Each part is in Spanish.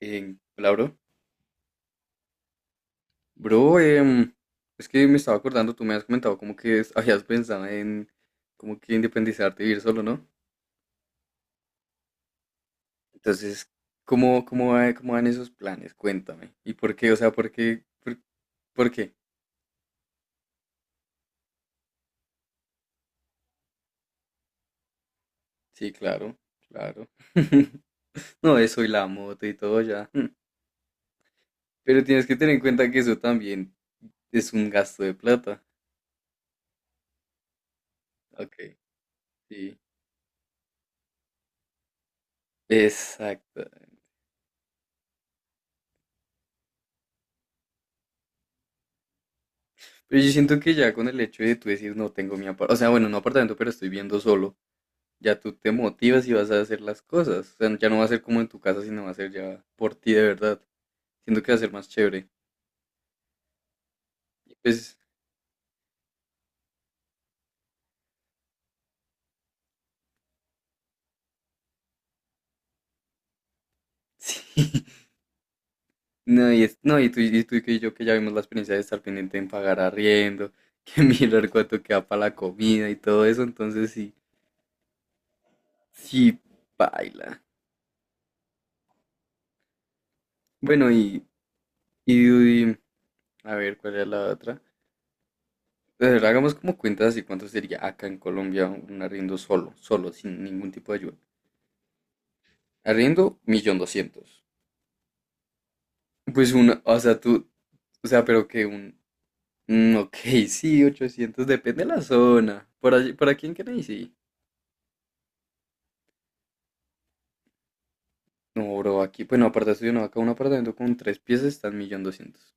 Hola, bro. Bro, es que me estaba acordando, tú me has comentado como que habías pensado en como que independizarte y vivir solo, ¿no? Entonces, ¿cómo, cómo van esos planes? Cuéntame. ¿Y por qué? O sea, ¿por qué? ¿Por qué? Sí, claro, claro. No, eso y la moto y todo ya. Mm. Pero tienes que tener en cuenta que eso también es un gasto de plata. Ok, sí. Exacto. Pero yo siento que ya con el hecho de tú decir no tengo mi apartamento, o sea, bueno, no apartamento, pero estoy viendo solo, ya tú te motivas y vas a hacer las cosas. O sea, ya no va a ser como en tu casa, sino va a ser ya por ti de verdad. Siento que va a ser más chévere. Y pues, sí. No, y, es, no, y tú y yo que ya vimos la experiencia de estar pendiente en pagar arriendo, que mirar cuánto queda para la comida y todo eso. Entonces, sí, sí, baila. Bueno, y, y a ver, ¿cuál era la otra? De verdad, hagamos como cuentas así cuánto sería acá en Colombia un arriendo solo, solo, sin ningún tipo de ayuda. Arriendo, 1.200.000. Pues una, o sea, tú, o sea, pero que un, ok, sí, 800 depende de la zona. Por allí, por aquí en Kennedy, sí. No, bro, aquí, bueno, aparte estoy no, acá un apartamento con tres piezas está en 1.200.000.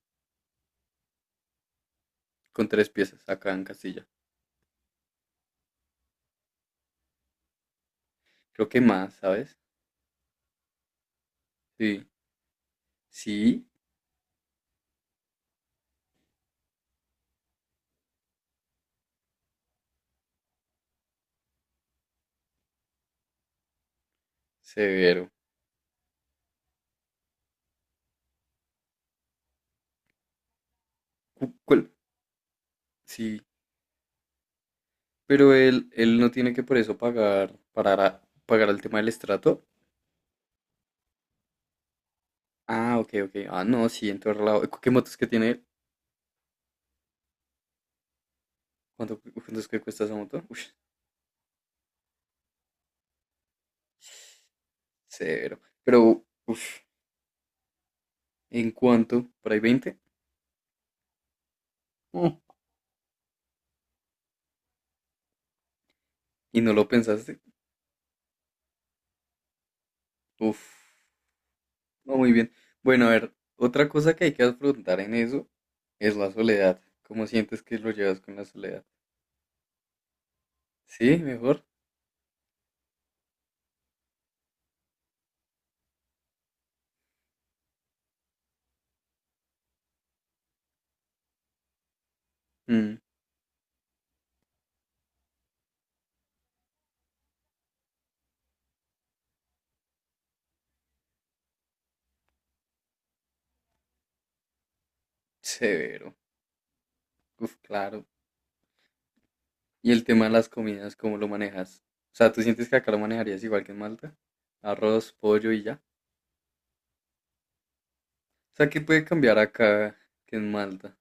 Con tres piezas, acá en Castilla. Creo que más, ¿sabes? Sí, sí, severo. Cu- cuál- Sí, pero él no tiene que por eso pagar, para pagar el tema del estrato. Ah, ok, ok. Ah, no, sí, en todo lado. ¿Qué motos que tiene él? ¿Cuánto, cuánto es que cuesta esa moto? Uy, severo. Pero, ¿en cuánto? ¿Por ahí 20? Oh, ¿y no lo pensaste? Uf, no, muy bien. Bueno, a ver, otra cosa que hay que afrontar en eso es la soledad. ¿Cómo sientes que lo llevas con la soledad? ¿Sí? ¿Mejor? Mm, severo. Uf, claro. ¿Y el tema de las comidas, cómo lo manejas? O sea, ¿tú sientes que acá lo manejarías igual que en Malta? Arroz, pollo y ya. O sea, ¿qué puede cambiar acá que en Malta?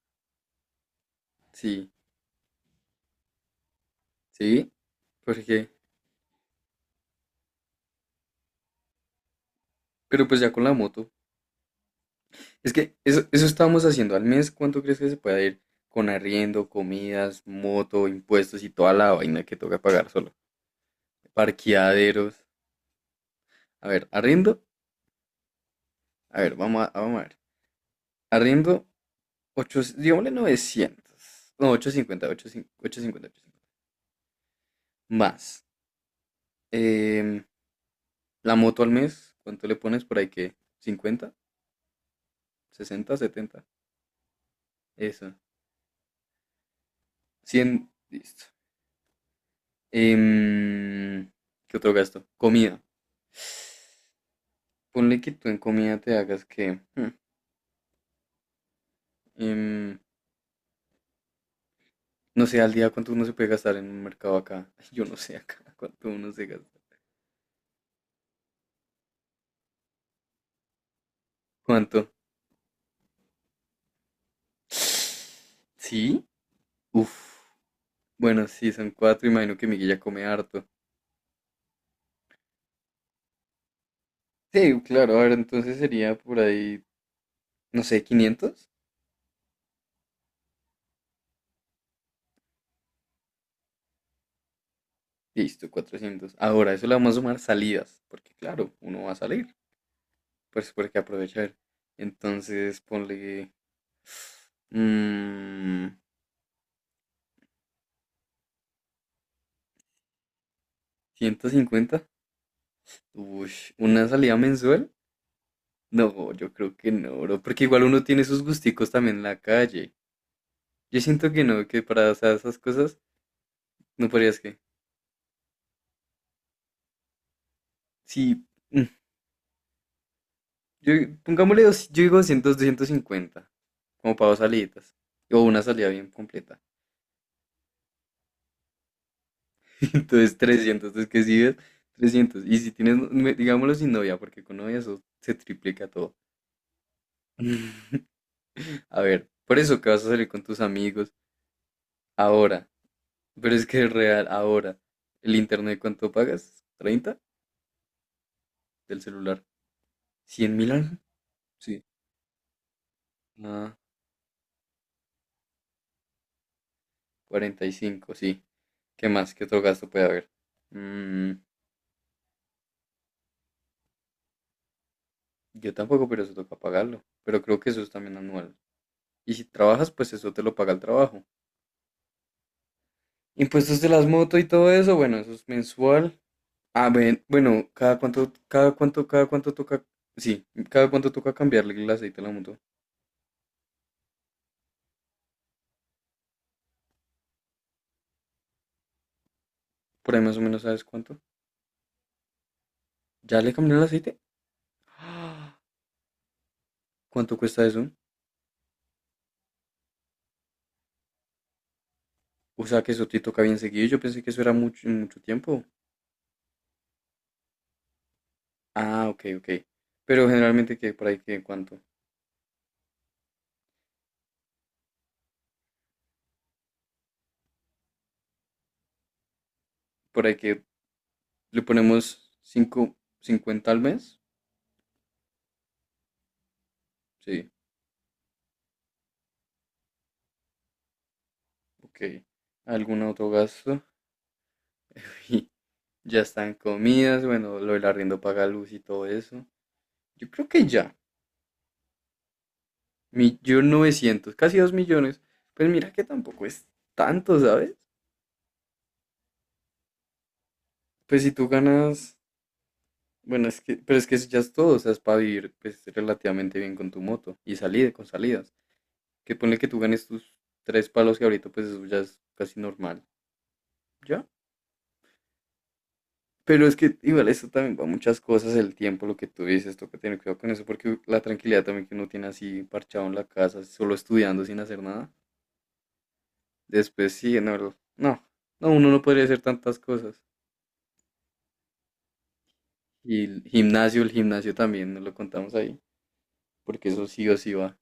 Sí, sí, porque, pero pues ya con la moto, es que eso estábamos haciendo al mes. ¿Cuánto crees que se pueda ir con arriendo, comidas, moto, impuestos y toda la vaina que toca pagar solo? Parqueaderos. A ver, arriendo. A ver, vamos a ver. Arriendo, 8. Digámosle 900. No, 850, cincuenta, 850. Cincuenta. Más. em, la moto al mes, ¿cuánto le pones por ahí que? ¿50, 60, 70? Eso. 100. Listo. Em, ¿Qué otro gasto? Comida. Ponle que tú en comida te hagas que, em, no sé, al día cuánto uno se puede gastar en un mercado acá. Yo no sé acá cuánto uno se gasta. ¿Cuánto? ¿Sí? Uf. Bueno, sí, son cuatro. Imagino que Miguel ya come harto. Sí, claro. A ver, entonces sería por ahí, no sé, 500. Listo, 400. Ahora, eso le vamos a sumar salidas, porque claro, uno va a salir. Pues porque aprovechar. Entonces, ponle... mm, 150. Uy, ¿una salida mensual? No, yo creo que no, bro, porque igual uno tiene sus gusticos también en la calle. Yo siento que no, que para, o sea, esas cosas no podrías que. Sí, mm, yo, pongámosle, yo digo 200, 250, como para dos salidas, o una salida bien completa. Entonces 300, entonces que si ves, 300. Y si tienes, digámoslo sin novia, porque con novia eso se triplica todo. A ver, por eso que vas a salir con tus amigos. Ahora, pero es que es real, ahora, el internet, ¿cuánto pagas? 30. Del celular. ¿100.000 algo? Sí. Ah, 45, sí. ¿Qué más? ¿Qué otro gasto puede haber? Mm, yo tampoco, pero eso toca pagarlo. Pero creo que eso es también anual. Y si trabajas, pues eso te lo paga el trabajo. Impuestos de las motos y todo eso, bueno, eso es mensual. Ah, ven, bueno, cada cuánto toca, sí, cada cuánto toca cambiarle el aceite a la moto. Por ahí más o menos sabes cuánto. ¿Ya le cambió el aceite? ¿Cuánto cuesta eso? O sea, que eso te toca bien seguido. Yo pensé que eso era mucho, mucho tiempo. Ah, ok, ok. Pero generalmente que por ahí que, ¿cuánto? Por ahí que le ponemos 5, 50 al mes. Sí, ok. ¿Algún otro gasto? Y ya están comidas, bueno, lo del arriendo paga luz y todo eso. Yo creo que ya. 1.900.000, casi 2.000.000. Pues mira que tampoco es tanto, ¿sabes? Pues si tú ganas. Bueno, es que, pero es que eso ya es todo, o sea, es para vivir pues, relativamente bien con tu moto y salir con salidas. Que pone que tú ganes tus tres palos que ahorita pues eso ya es casi normal, ¿ya? Pero es que igual eso también va a muchas cosas, el tiempo, lo que tú dices, toca tener cuidado con eso porque la tranquilidad también que uno tiene así parchado en la casa, solo estudiando sin hacer nada. Después sí, no, no, no, no, uno no podría hacer tantas cosas. Y el gimnasio también, no lo contamos ahí, porque eso sí o sí va.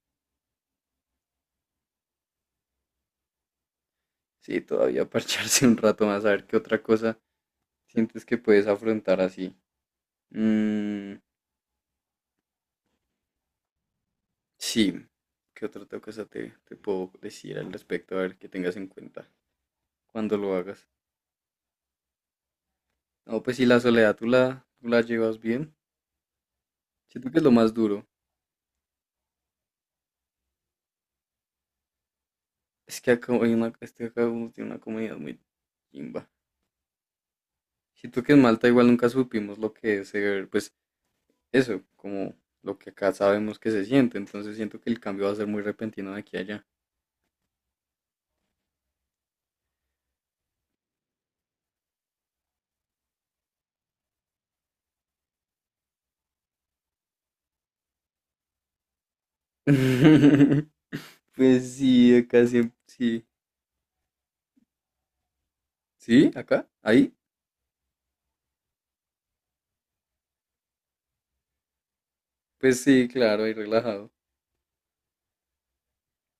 Sí, todavía parcharse un rato más, a ver qué otra cosa sientes que puedes afrontar así. Mm, sí, ¿qué otra cosa te puedo decir al respecto? A ver, que tengas en cuenta cuando lo hagas. No, pues si la soledad tú la llevas bien, siento que es lo más duro. Es que acá, hay una, es que acá uno tiene una comunidad muy chimba. Siento que en Malta igual nunca supimos lo que es ser, pues eso, como lo que acá sabemos que se siente. Entonces siento que el cambio va a ser muy repentino de aquí a allá. Pues sí, acá siempre, sí. ¿Sí? ¿Acá? ¿Ahí? Pues sí, claro, ahí relajado.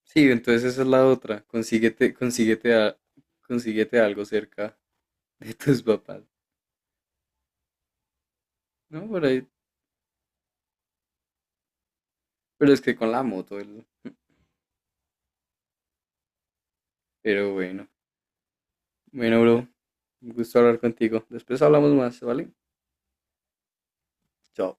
Sí, entonces esa es la otra. Consíguete, consíguete, consíguete algo cerca de tus papás, ¿no? Por ahí. Pero es que con la moto, el- Pero bueno. Bueno, bro, un gusto hablar contigo. Después hablamos más, ¿vale? Chao.